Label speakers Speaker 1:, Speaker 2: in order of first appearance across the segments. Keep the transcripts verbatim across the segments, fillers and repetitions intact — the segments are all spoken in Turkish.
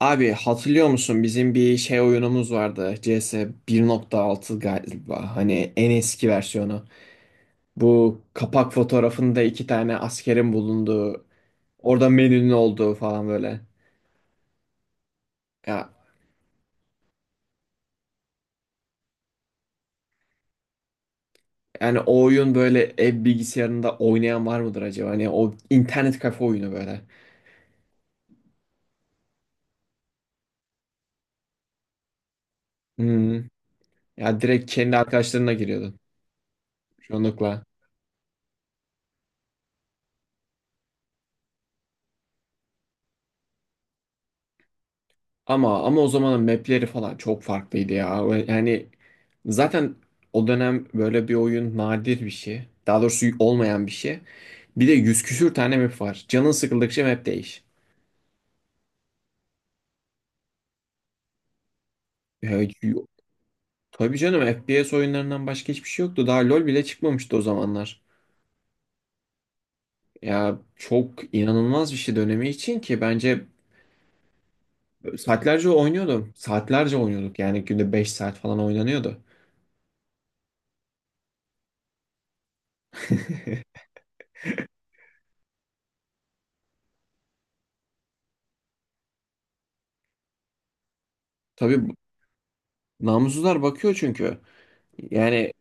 Speaker 1: Abi hatırlıyor musun bizim bir şey oyunumuz vardı C S bir nokta altı galiba hani en eski versiyonu. Bu kapak fotoğrafında iki tane askerin bulunduğu orada menünün olduğu falan böyle. Ya yani o oyun böyle ev bilgisayarında oynayan var mıdır acaba? Hani o internet kafe oyunu böyle. Hmm. Ya direkt kendi arkadaşlarına giriyordun çoğunlukla. Ama ama o zamanın mapleri falan çok farklıydı ya. Ve yani zaten o dönem böyle bir oyun nadir bir şey. Daha doğrusu olmayan bir şey. Bir de yüz küsür tane map var. Canın sıkıldıkça map değiş. Ya, y- tabii canım F P S oyunlarından başka hiçbir şey yoktu. Daha LoL bile çıkmamıştı o zamanlar. Ya çok inanılmaz bir şey dönemi için ki bence saatlerce oynuyordum. Saatlerce oynuyorduk. Yani günde beş saat falan oynanıyordu. Tabii namussuzlar bakıyor çünkü. Yani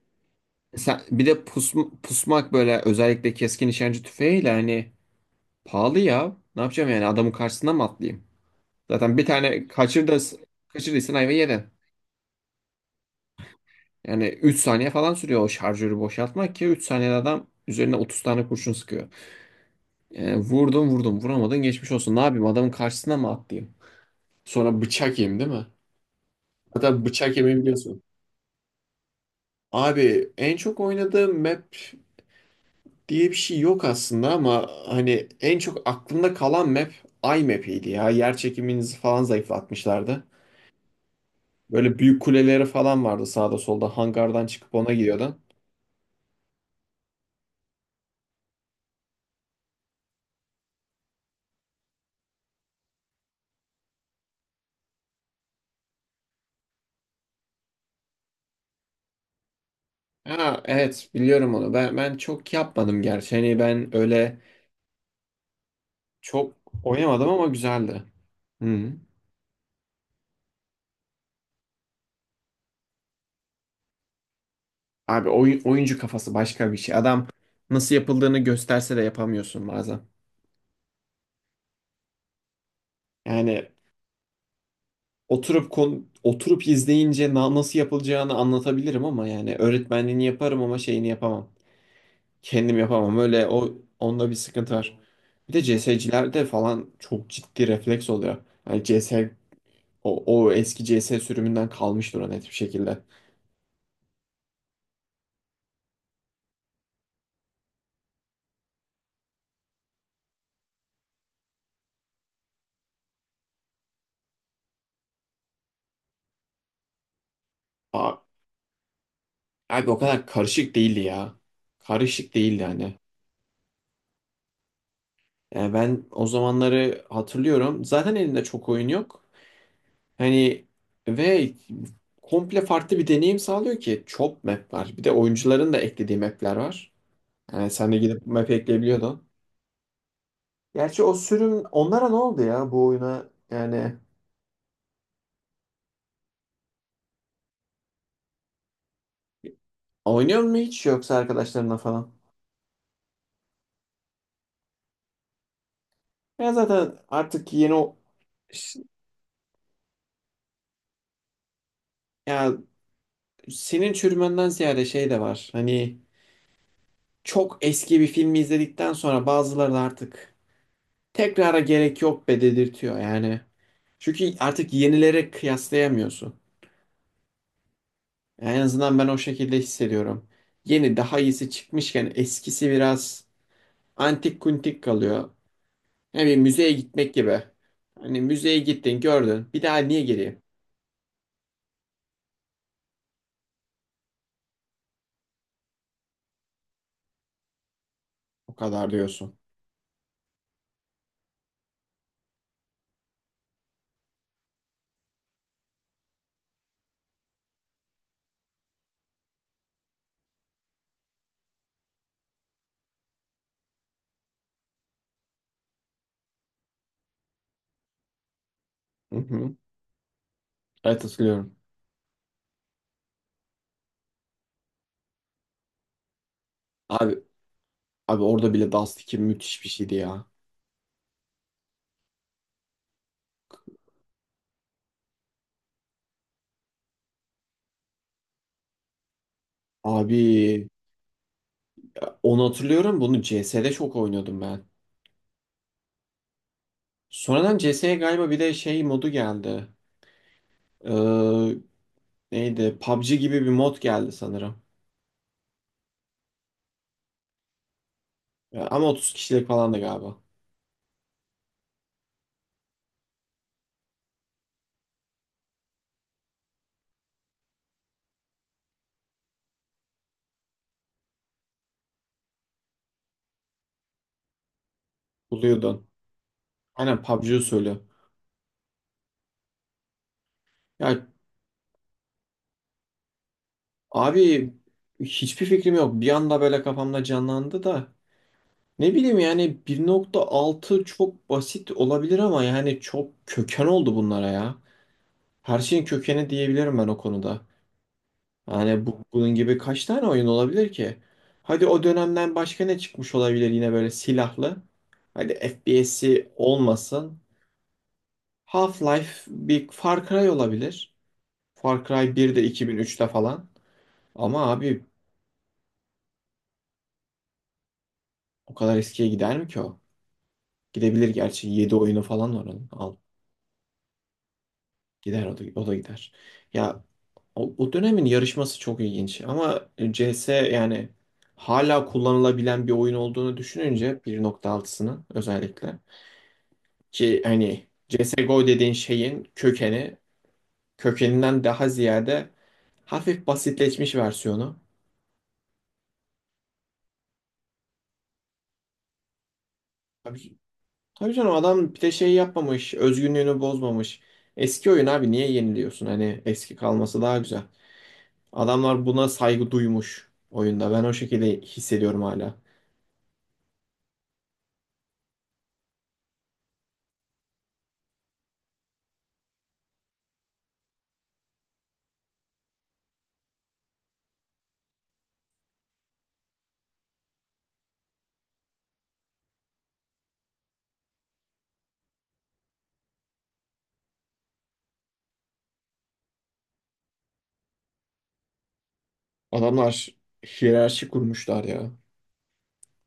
Speaker 1: sen, bir de pus- pusmak böyle özellikle keskin nişancı tüfeğiyle hani pahalı ya. Ne yapacağım yani adamın karşısına mı atlayayım? Zaten bir tane kaçırdı, kaçırdıysan ayva yedin. Yani üç saniye falan sürüyor o şarjörü boşaltmak ki üç saniyede adam üzerine otuz tane kurşun sıkıyor. Yani vurdum vurdum vuramadın geçmiş olsun. Ne yapayım adamın karşısına mı atlayayım? Sonra bıçak yiyeyim değil mi? Hatta bıçak yemeyi biliyorsun. Abi en çok oynadığım map diye bir şey yok aslında ama hani en çok aklımda kalan map iMap'iydi ya. Yer çekiminizi falan zayıflatmışlardı. Böyle büyük kuleleri falan vardı sağda solda hangardan çıkıp ona gidiyordun. Ha evet biliyorum onu. Ben ben çok yapmadım gerçi. Hani ben öyle çok oynamadım ama güzeldi. Hı. Abi oy- oyuncu kafası başka bir şey. Adam nasıl yapıldığını gösterse de yapamıyorsun bazen. Yani oturup kon oturup izleyince na- nasıl yapılacağını anlatabilirim ama yani öğretmenliğini yaparım ama şeyini yapamam. Kendim yapamam. Öyle o onda bir sıkıntı var. Bir de C S'cilerde falan çok ciddi refleks oluyor. Yani C S o, o eski C S sürümünden kalmıştır o net bir şekilde. Aa, abi o kadar karışık değildi ya. Karışık değildi hani. Yani ben o zamanları hatırlıyorum. Zaten elimde çok oyun yok. Hani ve komple farklı bir deneyim sağlıyor ki çok map var. Bir de oyuncuların da eklediği map'ler var. Yani sen de gidip map ekleyebiliyordun. Gerçi o sürüm onlara ne oldu ya bu oyuna? Yani oynuyor mu hiç yoksa arkadaşlarına falan? Ya zaten artık yeni o ş- ya senin çürümenden ziyade şey de var. Hani çok eski bir filmi izledikten sonra bazıları da artık tekrara gerek yok be dedirtiyor yani. Çünkü artık yenilere kıyaslayamıyorsun. En azından ben o şekilde hissediyorum. Yeni daha iyisi çıkmışken eskisi biraz antik kuntik kalıyor. Yani bir müzeye gitmek gibi. Hani müzeye gittin gördün bir daha niye gireyim? O kadar diyorsun. Hı hı. Evet hatırlıyorum. Abi, abi orada bile Dust iki müthiş bir şeydi ya. Abi onu hatırlıyorum bunu C S'de çok oynuyordum ben. Sonradan C S'ye galiba bir de şey modu geldi. Ee, Neydi? PUBG gibi bir mod geldi sanırım. Ya, ama otuz kişilik falan da galiba. Buluyordun. Aynen PUBG usulü. Ya abi hiçbir fikrim yok. Bir anda böyle kafamda canlandı da. Ne bileyim yani bir nokta altı çok basit olabilir ama yani çok köken oldu bunlara ya. Her şeyin kökeni diyebilirim ben o konuda. Yani bu, bunun gibi kaç tane oyun olabilir ki? Hadi o dönemden başka ne çıkmış olabilir yine böyle silahlı? Hadi F P S'i olmasın. Half-Life bir Far Cry olabilir. Far Cry bir de iki bin üçte falan. Ama abi o kadar eskiye gider mi ki o? Gidebilir gerçi. Yedi oyunu falan var onun. Al. Gider o da, o da gider. Ya o, o dönemin yarışması çok ilginç. Ama C S yani hala kullanılabilen bir oyun olduğunu düşününce bir nokta altısının özellikle. Ki hani C S G O dediğin şeyin kökeni kökeninden daha ziyade hafif basitleşmiş versiyonu. Abi tabii canım adam bir de şey yapmamış, özgünlüğünü bozmamış. Eski oyun abi niye yeniliyorsun? Hani eski kalması daha güzel. Adamlar buna saygı duymuş oyunda. Ben o şekilde hissediyorum hala. Adamlar hiyerarşi kurmuşlar ya.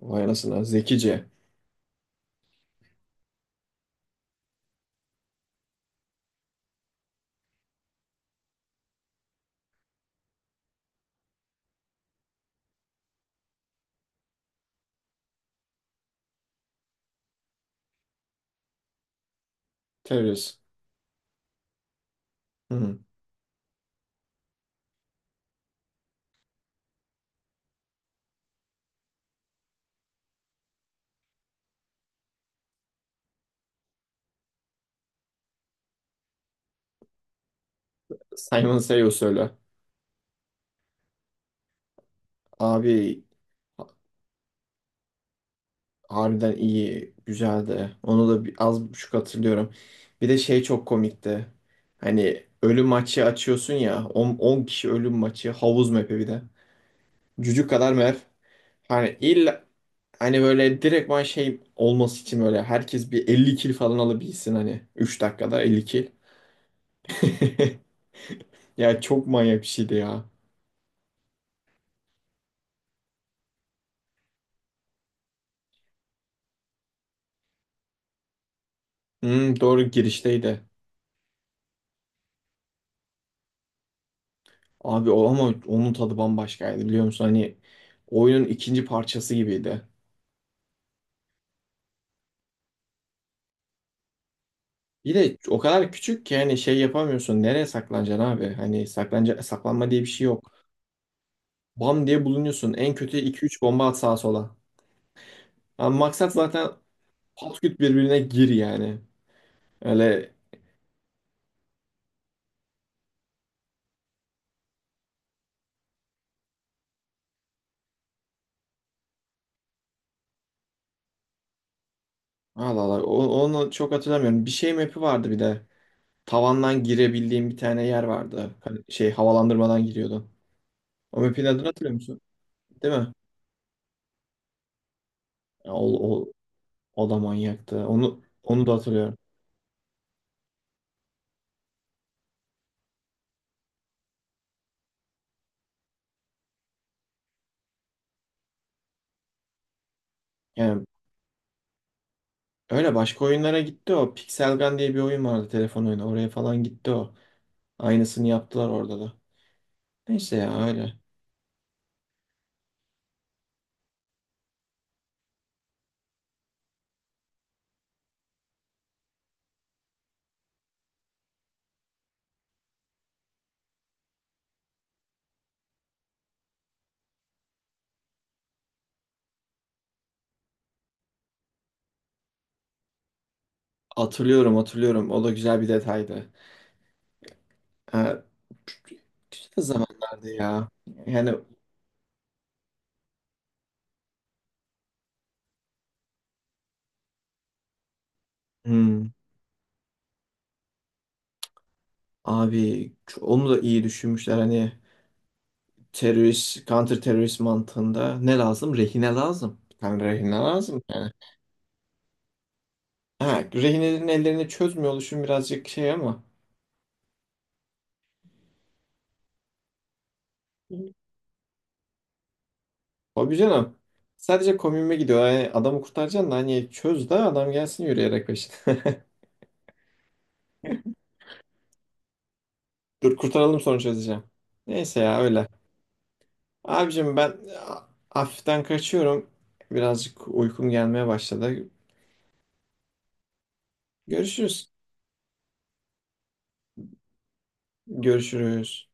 Speaker 1: Vay anasına zekice. Terörist. Hı. Simon Sayo söyle. Abi harbiden iyi, güzeldi. Onu da bir, az buçuk hatırlıyorum. Bir de şey çok komikti. Hani ölüm maçı açıyorsun ya. On kişi ölüm maçı. Havuz map'i bir de. Cücük kadar map. Hani illa hani böyle direktman şey olması için böyle herkes bir elli kill falan alabilsin hani. Üç dakikada elli kill. Ya çok manyak bir şeydi ya. Hmm, doğru girişteydi. Abi o ama onun tadı bambaşkaydı biliyor musun? Hani oyunun ikinci parçası gibiydi. Bir de o kadar küçük ki hani şey yapamıyorsun. Nereye saklanacaksın abi? Hani saklanca saklanma diye bir şey yok. Bam diye bulunuyorsun. En kötü iki üç bomba at sağa sola. Ama maksat zaten pat küt birbirine gir yani. Öyle Allah Allah. O- Onu çok hatırlamıyorum. Bir şey map'i vardı bir de. Tavandan girebildiğim bir tane yer vardı. Hani şey havalandırmadan giriyordun. O map'in adını hatırlıyor musun? Değil mi? Ya O, o, o da manyaktı. Onu onu da hatırlıyorum. Yani öyle başka oyunlara gitti o. Pixel Gun diye bir oyun vardı telefon oyunu. Oraya falan gitti o. Aynısını yaptılar orada da. Neyse ya öyle. Hatırlıyorum hatırlıyorum. O da güzel bir detaydı. Ee, Güzel zamanlardı ya. Yani hmm, abi onu da iyi düşünmüşler hani terörist, counter terörist mantığında ne lazım? Rehine lazım. Bir tane rehine lazım. Ha, rehinelerin ellerini çözmüyor oluşum birazcık şey ama. Abi canım. Sadece komünme gidiyor. Yani adamı kurtaracaksın da hani çöz de adam gelsin yürüyerek peşine. Dur kurtaralım sonra çözeceğim. Neyse ya öyle. Abicim ben a- hafiften kaçıyorum. Birazcık uykum gelmeye başladı. Görüşürüz. Görüşürüz.